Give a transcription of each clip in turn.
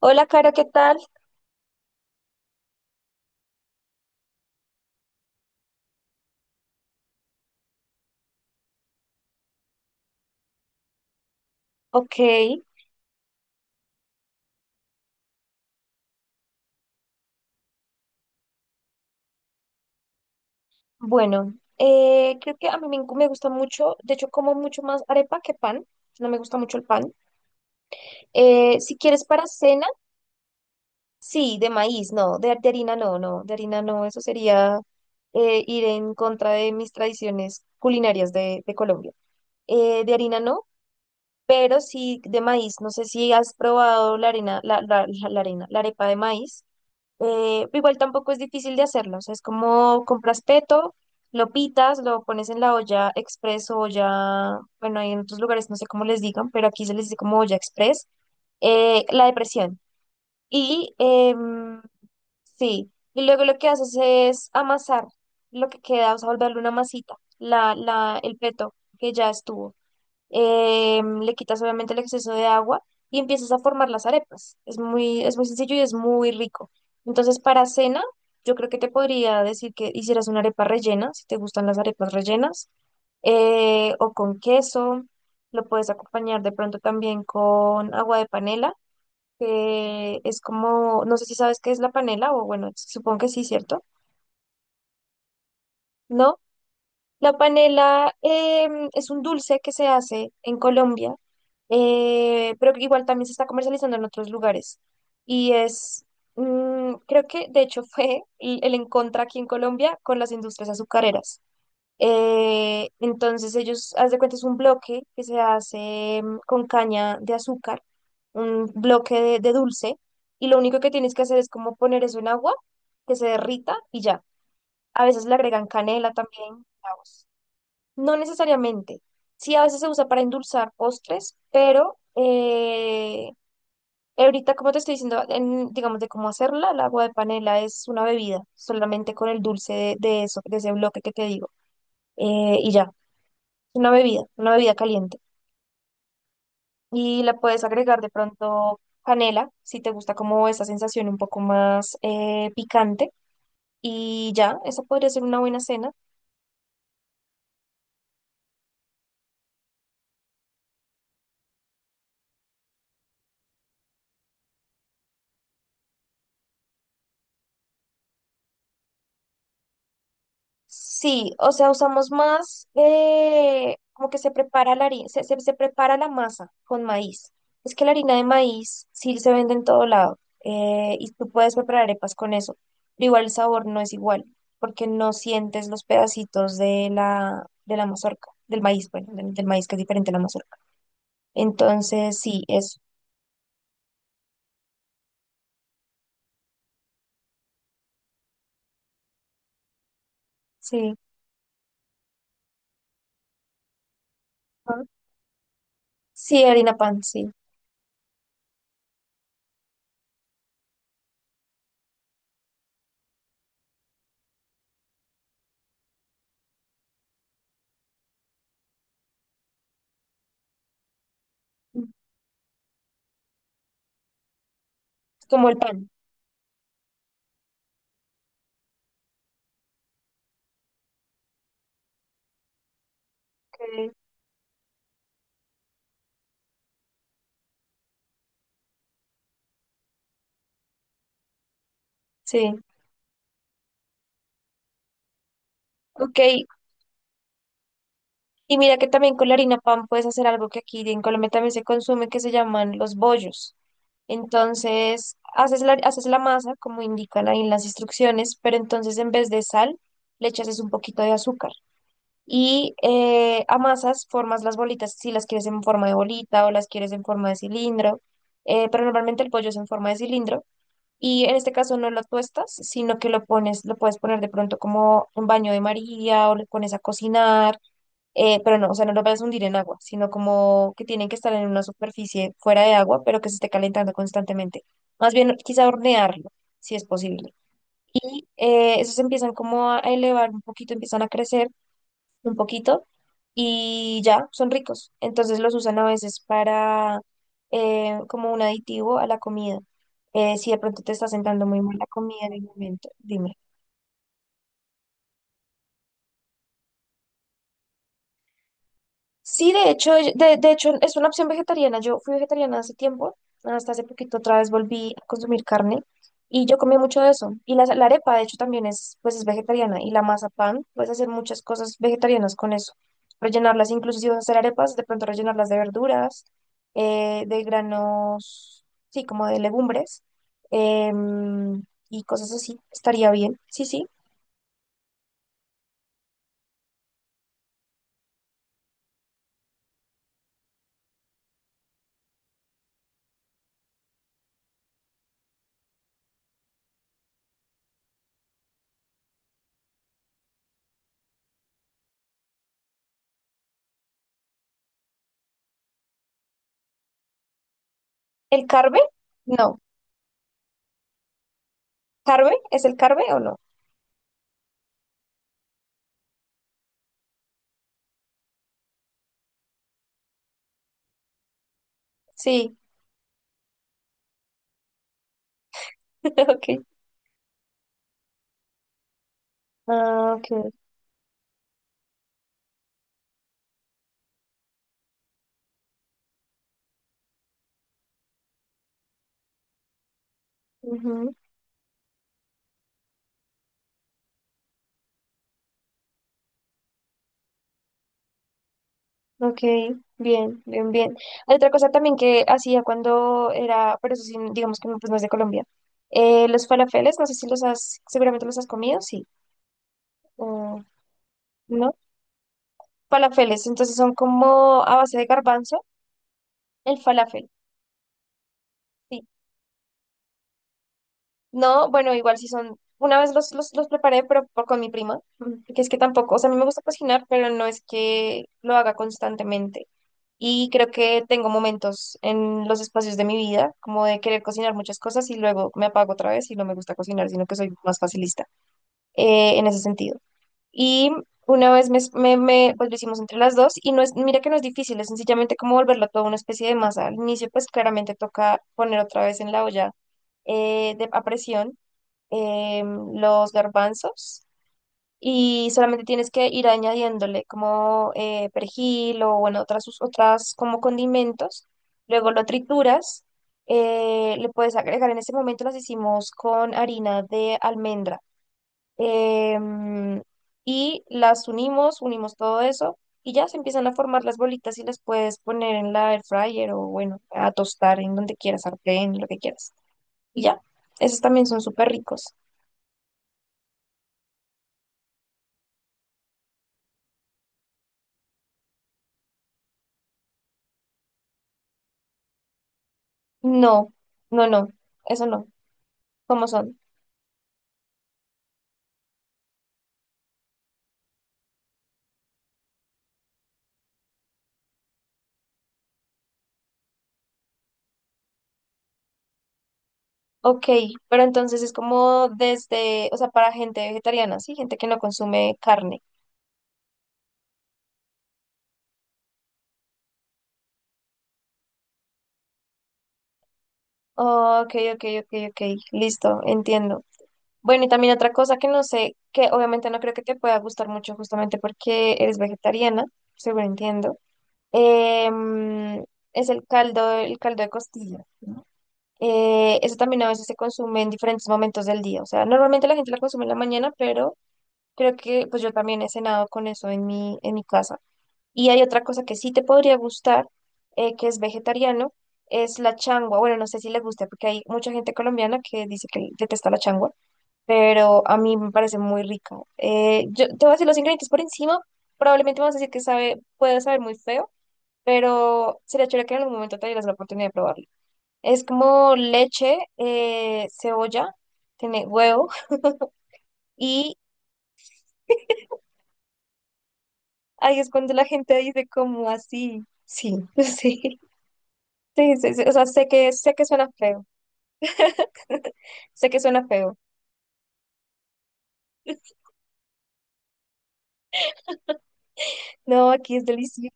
Hola, Caro, ¿qué tal? Ok, bueno, creo que a mí me gusta mucho, de hecho como mucho más arepa que pan, no me gusta mucho el pan. Si quieres para cena, sí, de maíz, no, de harina no, no, de harina no, eso sería ir en contra de mis tradiciones culinarias de Colombia. De harina no, pero sí de maíz, no sé si has probado la harina, la, la, la la harina, la arepa de maíz. Igual tampoco es difícil de hacerlo, o sea, es como compras peto, lo pitas, lo pones en la olla express o olla, bueno, hay en otros lugares no sé cómo les digan, pero aquí se les dice como olla express, la depresión. Y em, sí, y luego lo que haces es amasar lo que queda, o sea, volverle una masita, el peto que ya estuvo, le quitas obviamente el exceso de agua y empiezas a formar las arepas. Es muy sencillo y es muy rico. Entonces, para cena, yo creo que te podría decir que hicieras una arepa rellena, si te gustan las arepas rellenas, o con queso. Lo puedes acompañar de pronto también con agua de panela, que es como, no sé si sabes qué es la panela, o bueno, supongo que sí, ¿cierto? No. La panela es un dulce que se hace en Colombia, pero que igual también se está comercializando en otros lugares. Y es, creo que de hecho fue el en aquí en Colombia con las industrias azucareras. Entonces ellos, haz de cuenta, es un bloque que se hace con caña de azúcar, un bloque de dulce, y lo único que tienes que hacer es como poner eso en agua, que se derrita y ya. A veces le agregan canela también. No necesariamente. Sí, a veces se usa para endulzar postres, pero ahorita, como te estoy diciendo, digamos de cómo hacerla, el agua de panela es una bebida, solamente con el dulce de eso, de ese bloque que te digo. Y ya, una bebida caliente. Y la puedes agregar de pronto canela, si te gusta como esa sensación un poco más picante. Y ya, esa podría ser una buena cena. Sí, o sea, usamos más, como que se prepara la harina, se prepara la masa con maíz. Es que la harina de maíz sí se vende en todo lado y tú puedes preparar arepas con eso, pero igual el sabor no es igual porque no sientes los pedacitos de de la mazorca, del maíz, bueno, del maíz que es diferente a la mazorca. Entonces, sí, eso, sí. Ah. Sí, harina pan, sí. Como el pan. Ok. Sí. Ok, y mira que también con la harina pan puedes hacer algo que aquí en Colombia también se consume, que se llaman los bollos. Entonces, haces la masa, como indican ahí en las instrucciones, pero entonces en vez de sal, le echas es un poquito de azúcar. Y amasas, formas las bolitas, si las quieres en forma de bolita o las quieres en forma de cilindro, pero normalmente el pollo es en forma de cilindro. Y en este caso no lo tuestas, sino que lo pones, lo puedes poner de pronto como un baño de María o lo pones a cocinar, pero no, o sea, no lo vas a hundir en agua, sino como que tienen que estar en una superficie fuera de agua, pero que se esté calentando constantemente. Más bien, quizá hornearlo, si es posible. Y esos empiezan como a elevar un poquito, empiezan a crecer un poquito y ya son ricos. Entonces los usan a veces para como un aditivo a la comida. Si de pronto te está sentando muy mal la comida en el momento, dime. Sí, de hecho, de hecho es una opción vegetariana. Yo fui vegetariana hace tiempo, hasta hace poquito otra vez volví a consumir carne y yo comí mucho de eso. Y la arepa, de hecho, también es, pues, es vegetariana y la mazapán, puedes hacer muchas cosas vegetarianas con eso. Rellenarlas, incluso si vas a hacer arepas, de pronto rellenarlas de verduras, de granos, sí, como de legumbres em, y cosas así. Estaría bien. Sí, sí. ¿El carbe? No. ¿Carbe? ¿Es el carbe o no? Sí, ok. Ah, ok. Ujú. Ok, bien, bien, bien. Hay otra cosa también que hacía cuando era, pero eso sí, digamos que no, pues no es de Colombia. Los falafeles, no sé si los has, seguramente los has comido, sí. O ¿no? Falafeles, entonces son como a base de garbanzo, el falafel, sí. No, bueno, igual si son, una vez los preparé, pero con mi prima, que es que tampoco, o sea, a mí me gusta cocinar, pero no es que lo haga constantemente. Y creo que tengo momentos en los espacios de mi vida, como de querer cocinar muchas cosas y luego me apago otra vez y no me gusta cocinar, sino que soy más facilista en ese sentido. Y una vez pues lo hicimos entre las dos y no es, mira que no es difícil, es sencillamente como volverlo todo una especie de masa. Al inicio pues claramente toca poner otra vez en la olla a presión, los garbanzos y solamente tienes que ir añadiéndole como perejil o bueno, otras como condimentos. Luego lo trituras, le puedes agregar, en ese momento las hicimos con harina de almendra em, y las unimos, unimos todo eso y ya se empiezan a formar las bolitas y las puedes poner en la air fryer o bueno, a tostar en donde quieras, sartén, lo que quieras. Y ya, esos también son súper ricos. No, no, no, eso no. ¿Cómo son? Ok, pero entonces es como desde, o sea, para gente vegetariana, ¿sí? Gente que no consume carne. Oh, ok, ok, ok, ok, listo, entiendo. Bueno, y también otra cosa que no sé, que obviamente no creo que te pueda gustar mucho justamente porque eres vegetariana, seguro entiendo, em, es el caldo de costilla, ¿no? Eso también a veces se consume en diferentes momentos del día, o sea, normalmente la gente lo consume en la mañana, pero creo que pues yo también he cenado con eso en mi casa. Y hay otra cosa que sí te podría gustar, que es vegetariano, es la changua. Bueno, no sé si les gusta, porque hay mucha gente colombiana que dice que detesta la changua, pero a mí me parece muy rica. Yo te voy a decir los ingredientes por encima, probablemente me vas a decir que sabe, puede saber muy feo, pero sería chévere que en algún momento te dieras la oportunidad de probarlo. Es como leche, cebolla, tiene huevo, y ahí es cuando la gente dice como así, sí, sí. Sí, sí, sí, o sea, sé que suena feo, sé que suena feo. No, aquí es delicioso.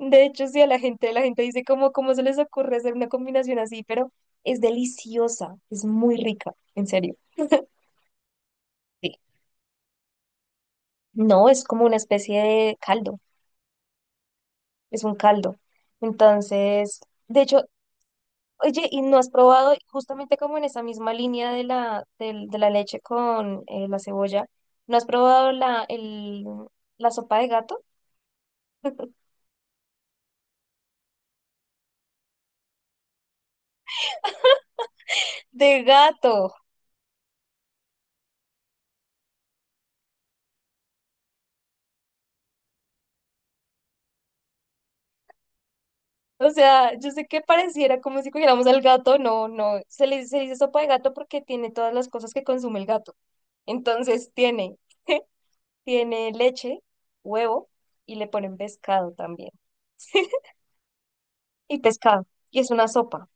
De hecho, sí, la gente dice como, ¿cómo se les ocurre hacer una combinación así? Pero es deliciosa, es muy rica, en serio. Sí. No, es como una especie de caldo, es un caldo. Entonces, de hecho, oye, ¿y no has probado justamente como en esa misma línea de de la leche con la cebolla? ¿No has probado la sopa de gato? De gato. O sea, yo sé que pareciera como si cogiéramos al gato, no, no, se le dice sopa de gato porque tiene todas las cosas que consume el gato. Entonces tiene, tiene leche, huevo y le ponen pescado también. Y pescado, y es una sopa.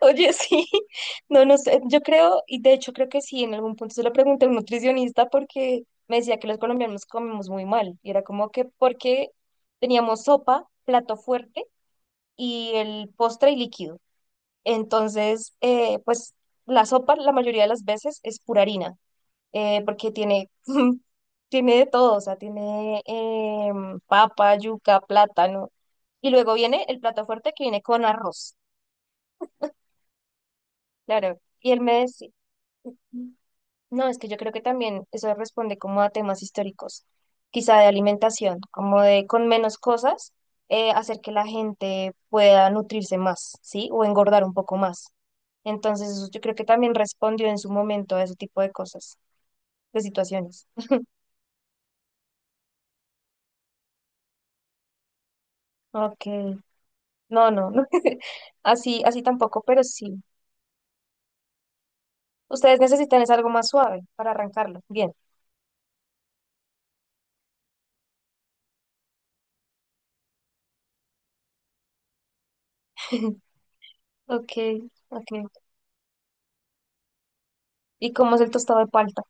Oye, sí, no, no sé, yo creo, y de hecho creo que sí, en algún punto se lo pregunté a un nutricionista porque me decía que los colombianos comemos muy mal, y era como que porque teníamos sopa, plato fuerte y el postre y líquido. Entonces, pues la sopa la mayoría de las veces es pura harina, porque tiene, tiene de todo, o sea, tiene papa, yuca, plátano. Y luego viene el plato fuerte que viene con arroz, claro. Y él me decía, no, es que yo creo que también eso responde como a temas históricos, quizá de alimentación, como de con menos cosas, hacer que la gente pueda nutrirse más, ¿sí? O engordar un poco más. Entonces, eso yo creo que también respondió en su momento a ese tipo de cosas, de situaciones. Ok, no, no, no. Así, así tampoco, pero sí. Ustedes necesitan es algo más suave para arrancarlo. Bien. Ok, ok. ¿Y cómo es el tostado de palta?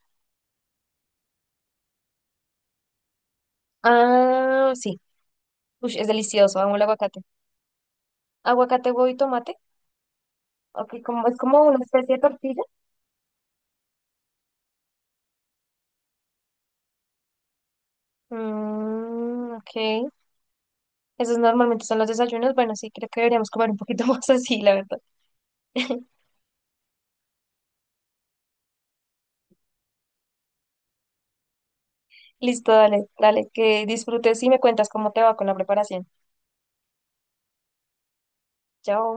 Ah, sí. Uy, es delicioso, amo el aguacate. Aguacate, huevo y tomate. Ok, como, es como una especie de tortilla. Mm, ok. Esos normalmente son los desayunos. Bueno, sí, creo que deberíamos comer un poquito más así, la verdad. Listo, dale, dale, que disfrutes y me cuentas cómo te va con la preparación. Chao.